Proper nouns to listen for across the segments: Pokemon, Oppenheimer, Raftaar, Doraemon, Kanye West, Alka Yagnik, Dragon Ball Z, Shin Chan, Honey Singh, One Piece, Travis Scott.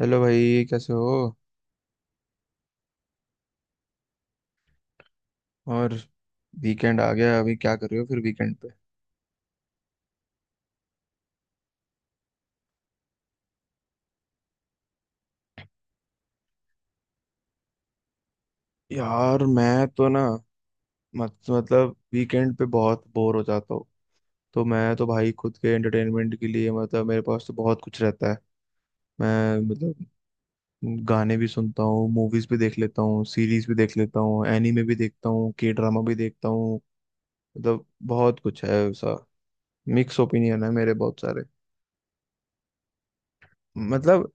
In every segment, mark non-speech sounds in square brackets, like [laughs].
Hello भाई, कैसे हो? और वीकेंड आ गया, अभी क्या कर रहे हो फिर वीकेंड पे? यार मैं तो ना मत, मतलब वीकेंड पे बहुत बोर हो जाता हूँ। तो मैं तो भाई, खुद के एंटरटेनमेंट के लिए मतलब मेरे पास तो बहुत कुछ रहता है। मैं, मतलब, गाने भी सुनता हूँ, मूवीज भी देख लेता हूँ, सीरीज भी देख लेता हूँ, एनीमे भी देखता हूँ, के ड्रामा भी देखता हूँ। मतलब बहुत कुछ है ऐसा। मिक्स ओपिनियन है मेरे बहुत सारे। मतलब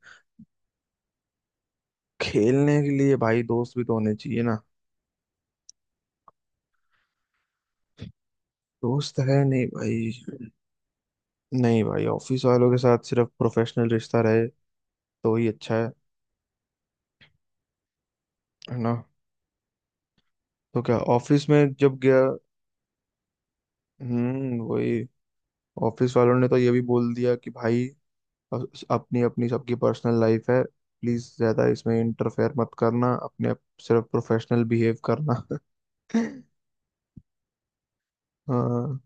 खेलने के लिए भाई दोस्त भी तो होने चाहिए ना। दोस्त है नहीं भाई। नहीं भाई, ऑफिस वालों के साथ सिर्फ प्रोफेशनल रिश्ता रहे तो ही अच्छा है ना। तो क्या ऑफिस में जब गया, वही, ऑफिस वालों ने तो ये भी बोल दिया कि भाई, अ- अपनी अपनी सबकी पर्सनल लाइफ है, प्लीज ज्यादा इसमें इंटरफेयर मत करना, अपने आप सिर्फ प्रोफेशनल बिहेव करना। [laughs] हाँ।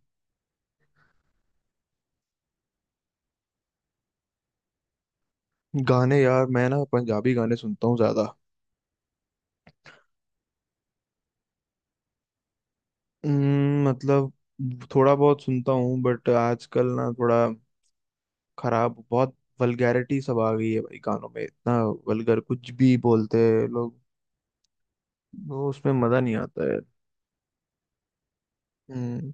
गाने यार मैं ना पंजाबी गाने सुनता हूँ ज्यादा। मतलब थोड़ा बहुत सुनता हूँ बट आजकल ना थोड़ा खराब बहुत, वल्गैरिटी सब आ गई है भाई गानों में, इतना वल्गर कुछ भी बोलते हैं लोग। वो उसमें मजा नहीं आता है। हम्म,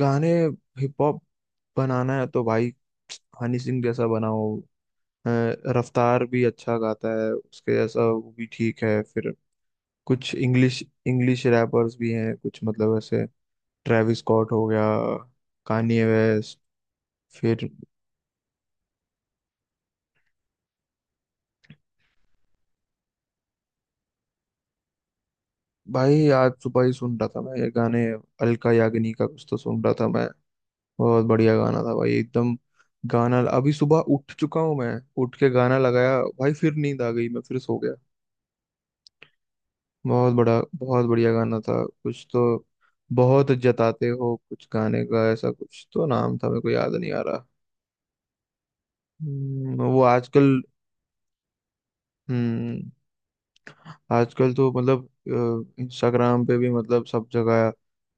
गाने, हिप हॉप बनाना है तो भाई, हनी सिंह जैसा बनाओ। अ, रफ्तार भी अच्छा गाता है, उसके जैसा वो भी ठीक है फिर। कुछ इंग्लिश इंग्लिश रैपर्स भी हैं कुछ, मतलब ऐसे, ट्रेविस स्कॉट हो गया, कान्ये वेस्ट, फिर। भाई आज सुबह ही सुन रहा था मैं ये गाने। अलका याग्निक का कुछ तो सुन रहा था मैं, बहुत बढ़िया गाना था भाई एकदम। गाना, अभी सुबह उठ चुका हूँ मैं, उठ के गाना लगाया भाई, फिर नींद आ गई, मैं फिर सो गया। बहुत बड़ा, बहुत बढ़िया गाना था कुछ तो, बहुत जताते हो कुछ गाने का, ऐसा कुछ तो नाम था मेरे को याद नहीं आ रहा। वो आजकल, हम्म। आजकल तो मतलब इंस्टाग्राम पे भी, मतलब सब जगह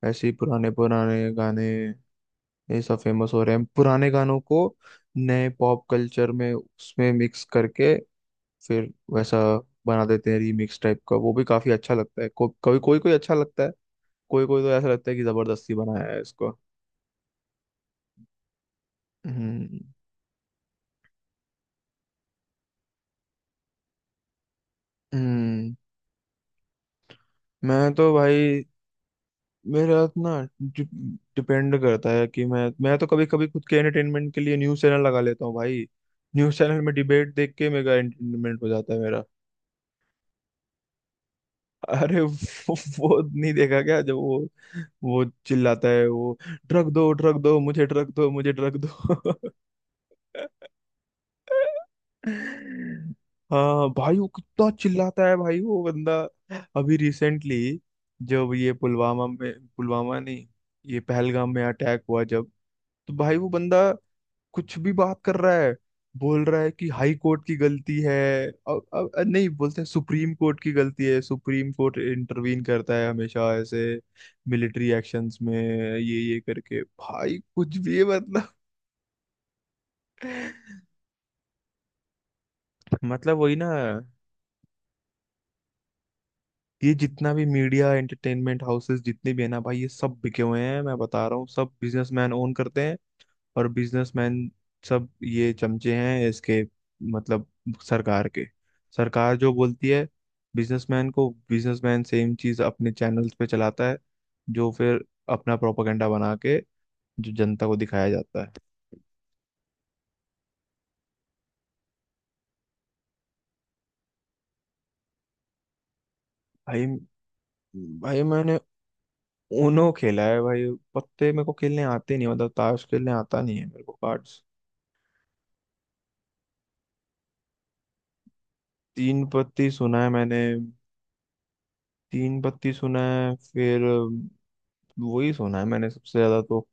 ऐसे ही पुराने पुराने गाने, ये सब फेमस हो रहे हैं, पुराने गानों को नए पॉप कल्चर में उसमें मिक्स करके फिर वैसा बना देते हैं, रीमिक्स टाइप का, वो भी काफी अच्छा लगता है। कभी कोई कोई अच्छा लगता है, कोई कोई तो ऐसा लगता है कि जबरदस्ती बनाया है इसको। हम्म। हम्म, मैं तो भाई, मेरा ना डिपेंड करता है कि मैं तो कभी कभी खुद के एंटरटेनमेंट के लिए न्यूज चैनल लगा लेता हूँ भाई। न्यूज चैनल में डिबेट देख के मेरा एंटरटेनमेंट हो जाता है मेरा। अरे वो नहीं देखा क्या, जब वो चिल्लाता है वो, ड्रग दो, ड्रग दो, मुझे ड्रग दो, मुझे ड्रग दो। हाँ भाई वो कितना चिल्लाता है भाई वो बंदा। अभी रिसेंटली जब ये पुलवामा में, पुलवामा नहीं, ये पहलगाम में अटैक हुआ जब, तो भाई वो बंदा कुछ भी बात कर रहा है, बोल रहा है कि हाई कोर्ट की गलती है। अब नहीं बोलते हैं सुप्रीम कोर्ट की गलती है, सुप्रीम कोर्ट इंटरवीन करता है हमेशा ऐसे मिलिट्री एक्शंस में, ये करके भाई कुछ भी है मतलब। मतलब वही ना, ये जितना भी मीडिया एंटरटेनमेंट हाउसेस जितने भी है ना भाई, ये सब बिके हुए हैं मैं बता रहा हूँ, सब बिजनेसमैन ओन करते हैं। और बिजनेसमैन, सब ये चमचे हैं इसके, मतलब सरकार के। सरकार जो बोलती है बिजनेसमैन को, बिजनेसमैन सेम चीज अपने चैनल्स पे चलाता है, जो फिर अपना प्रोपागेंडा बना के जो जनता को दिखाया जाता है। भाई, मैंने ऊनो खेला है भाई। पत्ते मेरे को खेलने आते नहीं, मतलब ताश खेलने आता नहीं है मेरे को, कार्ड्स। तीन पत्ती सुना है मैंने। तीन पत्ती सुना है फिर, वही सुना है मैंने सबसे ज्यादा तो,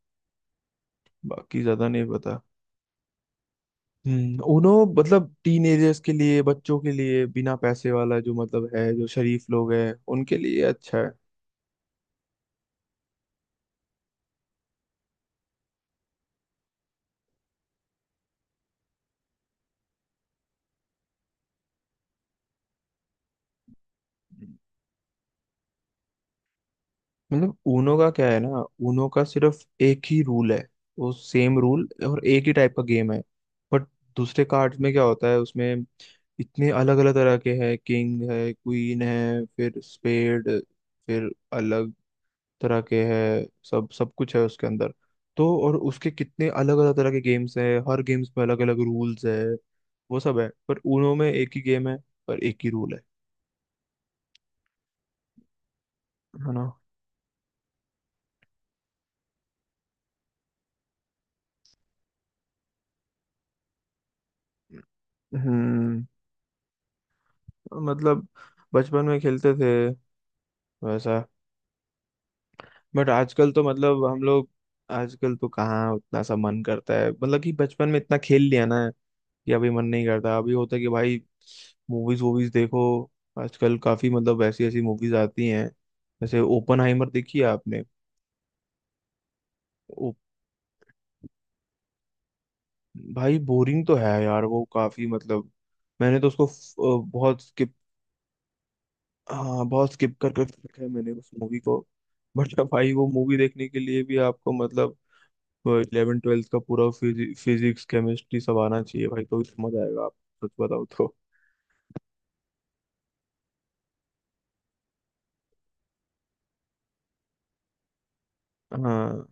बाकी ज्यादा नहीं पता। हम्म, उनो, मतलब टीनेजर्स के लिए, बच्चों के लिए, बिना पैसे वाला जो मतलब है, जो शरीफ लोग हैं उनके लिए अच्छा है। मतलब ऊनो का क्या है ना, ऊनो का सिर्फ एक ही रूल है। वो सेम रूल और एक ही टाइप का गेम है। बट दूसरे कार्ड्स में क्या होता है उसमें, इतने अलग अलग तरह के हैं, किंग है, क्वीन है, फिर स्पेड, फिर अलग तरह के है। सब सब कुछ है उसके अंदर। तो और उसके कितने अलग अलग तरह के गेम्स हैं, हर गेम्स में अलग अलग रूल्स है, वो सब है। पर ऊनो में एक ही गेम है और एक ही रूल है ना। हम्म, मतलब बचपन में खेलते थे वैसा, बट आजकल तो मतलब हम लोग, आजकल तो कहाँ उतना सा मन करता है, मतलब कि बचपन में इतना खेल लिया ना, कि अभी मन नहीं करता। अभी होता है कि भाई, मूवीज वूवीज देखो। आजकल काफी, मतलब, ऐसी ऐसी मूवीज आती हैं जैसे ओपनहाइमर, देखी है आपने? ओ, भाई बोरिंग तो है यार वो काफी, मतलब, मैंने तो उसको बहुत स्किप, हाँ बहुत स्किप कर कर रखा है मैंने उस मूवी को। बट भाई वो मूवी देखने के लिए भी आपको, मतलब, इलेवन ट्वेल्थ का पूरा फिजिक्स केमिस्ट्री सब आना चाहिए भाई, तो समझ आएगा आप। सच बताओ तो। हाँ।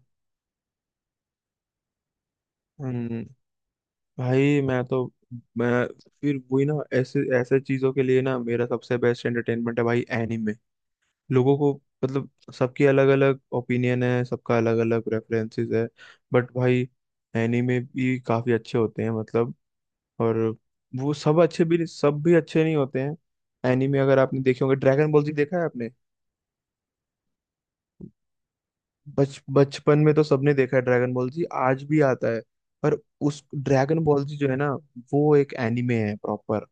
हम्म। भाई मैं तो, मैं फिर वही ना, ऐसे ऐसे चीजों के लिए ना मेरा सबसे बेस्ट एंटरटेनमेंट है भाई, एनीमे। लोगों को, मतलब, सबकी अलग अलग ओपिनियन है, सबका अलग अलग प्रेफरेंसेस है। बट भाई एनीमे भी काफी अच्छे होते हैं, मतलब। और वो सब अच्छे, भी सब भी अच्छे नहीं होते हैं। एनीमे, अगर आपने देखे होंगे, ड्रैगन बॉल जी देखा है आपने? बच बचपन में तो सबने देखा है, ड्रैगन बॉल जी आज भी आता है। पर उस ड्रैगन बॉल जी जो है ना, वो एक एनिमे है प्रॉपर।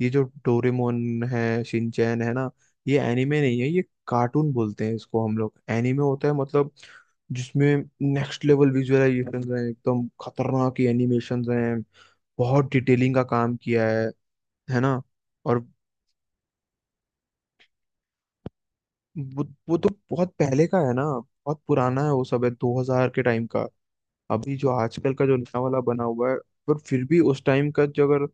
ये जो डोरेमोन है, शिनचैन है ना, ये एनिमे नहीं है, ये कार्टून, बोलते हैं इसको हम लोग। एनिमे होता है मतलब जिसमें नेक्स्ट लेवल विजुअलाइजेशन है, एकदम खतरनाक एनिमेशन हैं, बहुत डिटेलिंग का काम किया है ना। और वो तो बहुत पहले का है ना, बहुत पुराना है वो, सब है 2000 के टाइम का। अभी जो आजकल का जो नया वाला बना हुआ है, पर फिर भी उस टाइम का जो, अगर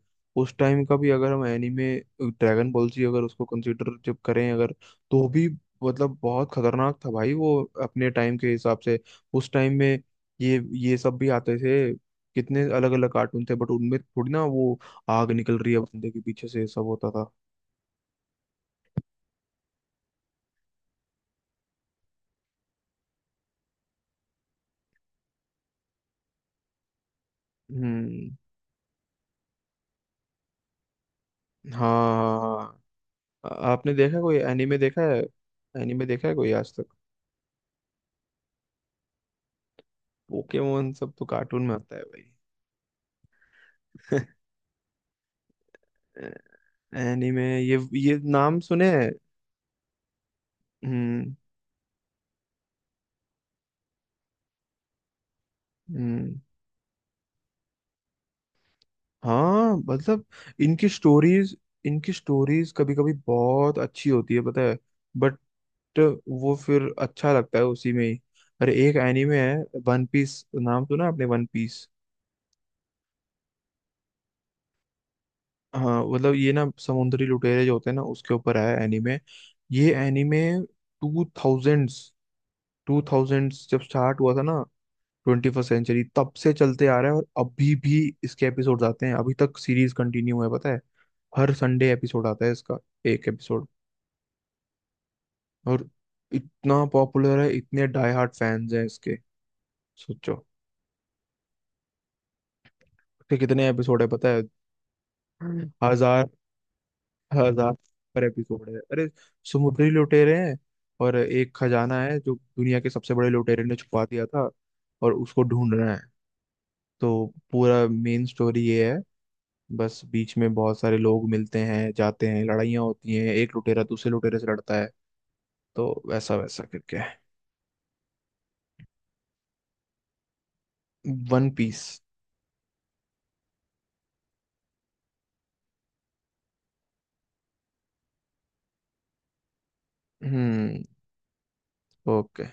उस टाइम का भी अगर हम एनीमे, ड्रैगन बॉल जी अगर उसको कंसीडर जब करें अगर, तो भी, मतलब, बहुत खतरनाक था भाई वो, अपने टाइम के हिसाब से। उस टाइम में ये, सब भी आते थे, कितने अलग अलग कार्टून थे, बट उनमें थोड़ी ना वो, आग निकल रही है बंदे के पीछे से, ये सब होता था। हम्म, हाँ, हाँ हाँ। आपने देखा, कोई एनीमे देखा है? एनीमे देखा है कोई आज तक? पोकेमोन, सब तो कार्टून में आता है भाई। [laughs] एनीमे, ये नाम सुने हैं? हम्म। हम्म। हाँ, मतलब, इनकी स्टोरीज, इनकी स्टोरीज कभी कभी बहुत अच्छी होती है पता है। बट वो फिर अच्छा लगता है उसी में ही। अरे, एक एनीमे है, वन पीस नाम सुना आपने, वन पीस? हाँ, मतलब ये ना समुद्री लुटेरे जो होते हैं ना, उसके ऊपर है एनीमे। ये एनीमे 2000s, 2000s जब स्टार्ट हुआ था ना, 21st सेंचुरी, तब से चलते आ रहा है और अभी भी इसके एपिसोड्स आते हैं। अभी तक सीरीज कंटिन्यू है पता है। हर संडे एपिसोड आता है इसका, एक एपिसोड। और इतना पॉपुलर है, इतने डाई हार्ट फैंस हैं इसके, सोचो कि कितने एपिसोड है पता है। हम्म। 1000, 1000 पर एपिसोड है। अरे, समुद्री लुटेरे हैं और एक खजाना है जो दुनिया के सबसे बड़े लुटेरे ने छुपा दिया था, और उसको ढूंढ रहे हैं। तो पूरा मेन स्टोरी ये है। बस बीच में बहुत सारे लोग मिलते हैं, जाते हैं, लड़ाइयाँ होती हैं, एक लुटेरा दूसरे लुटेरे से लड़ता है, तो वैसा वैसा करके। One Piece. हम्म। ओके।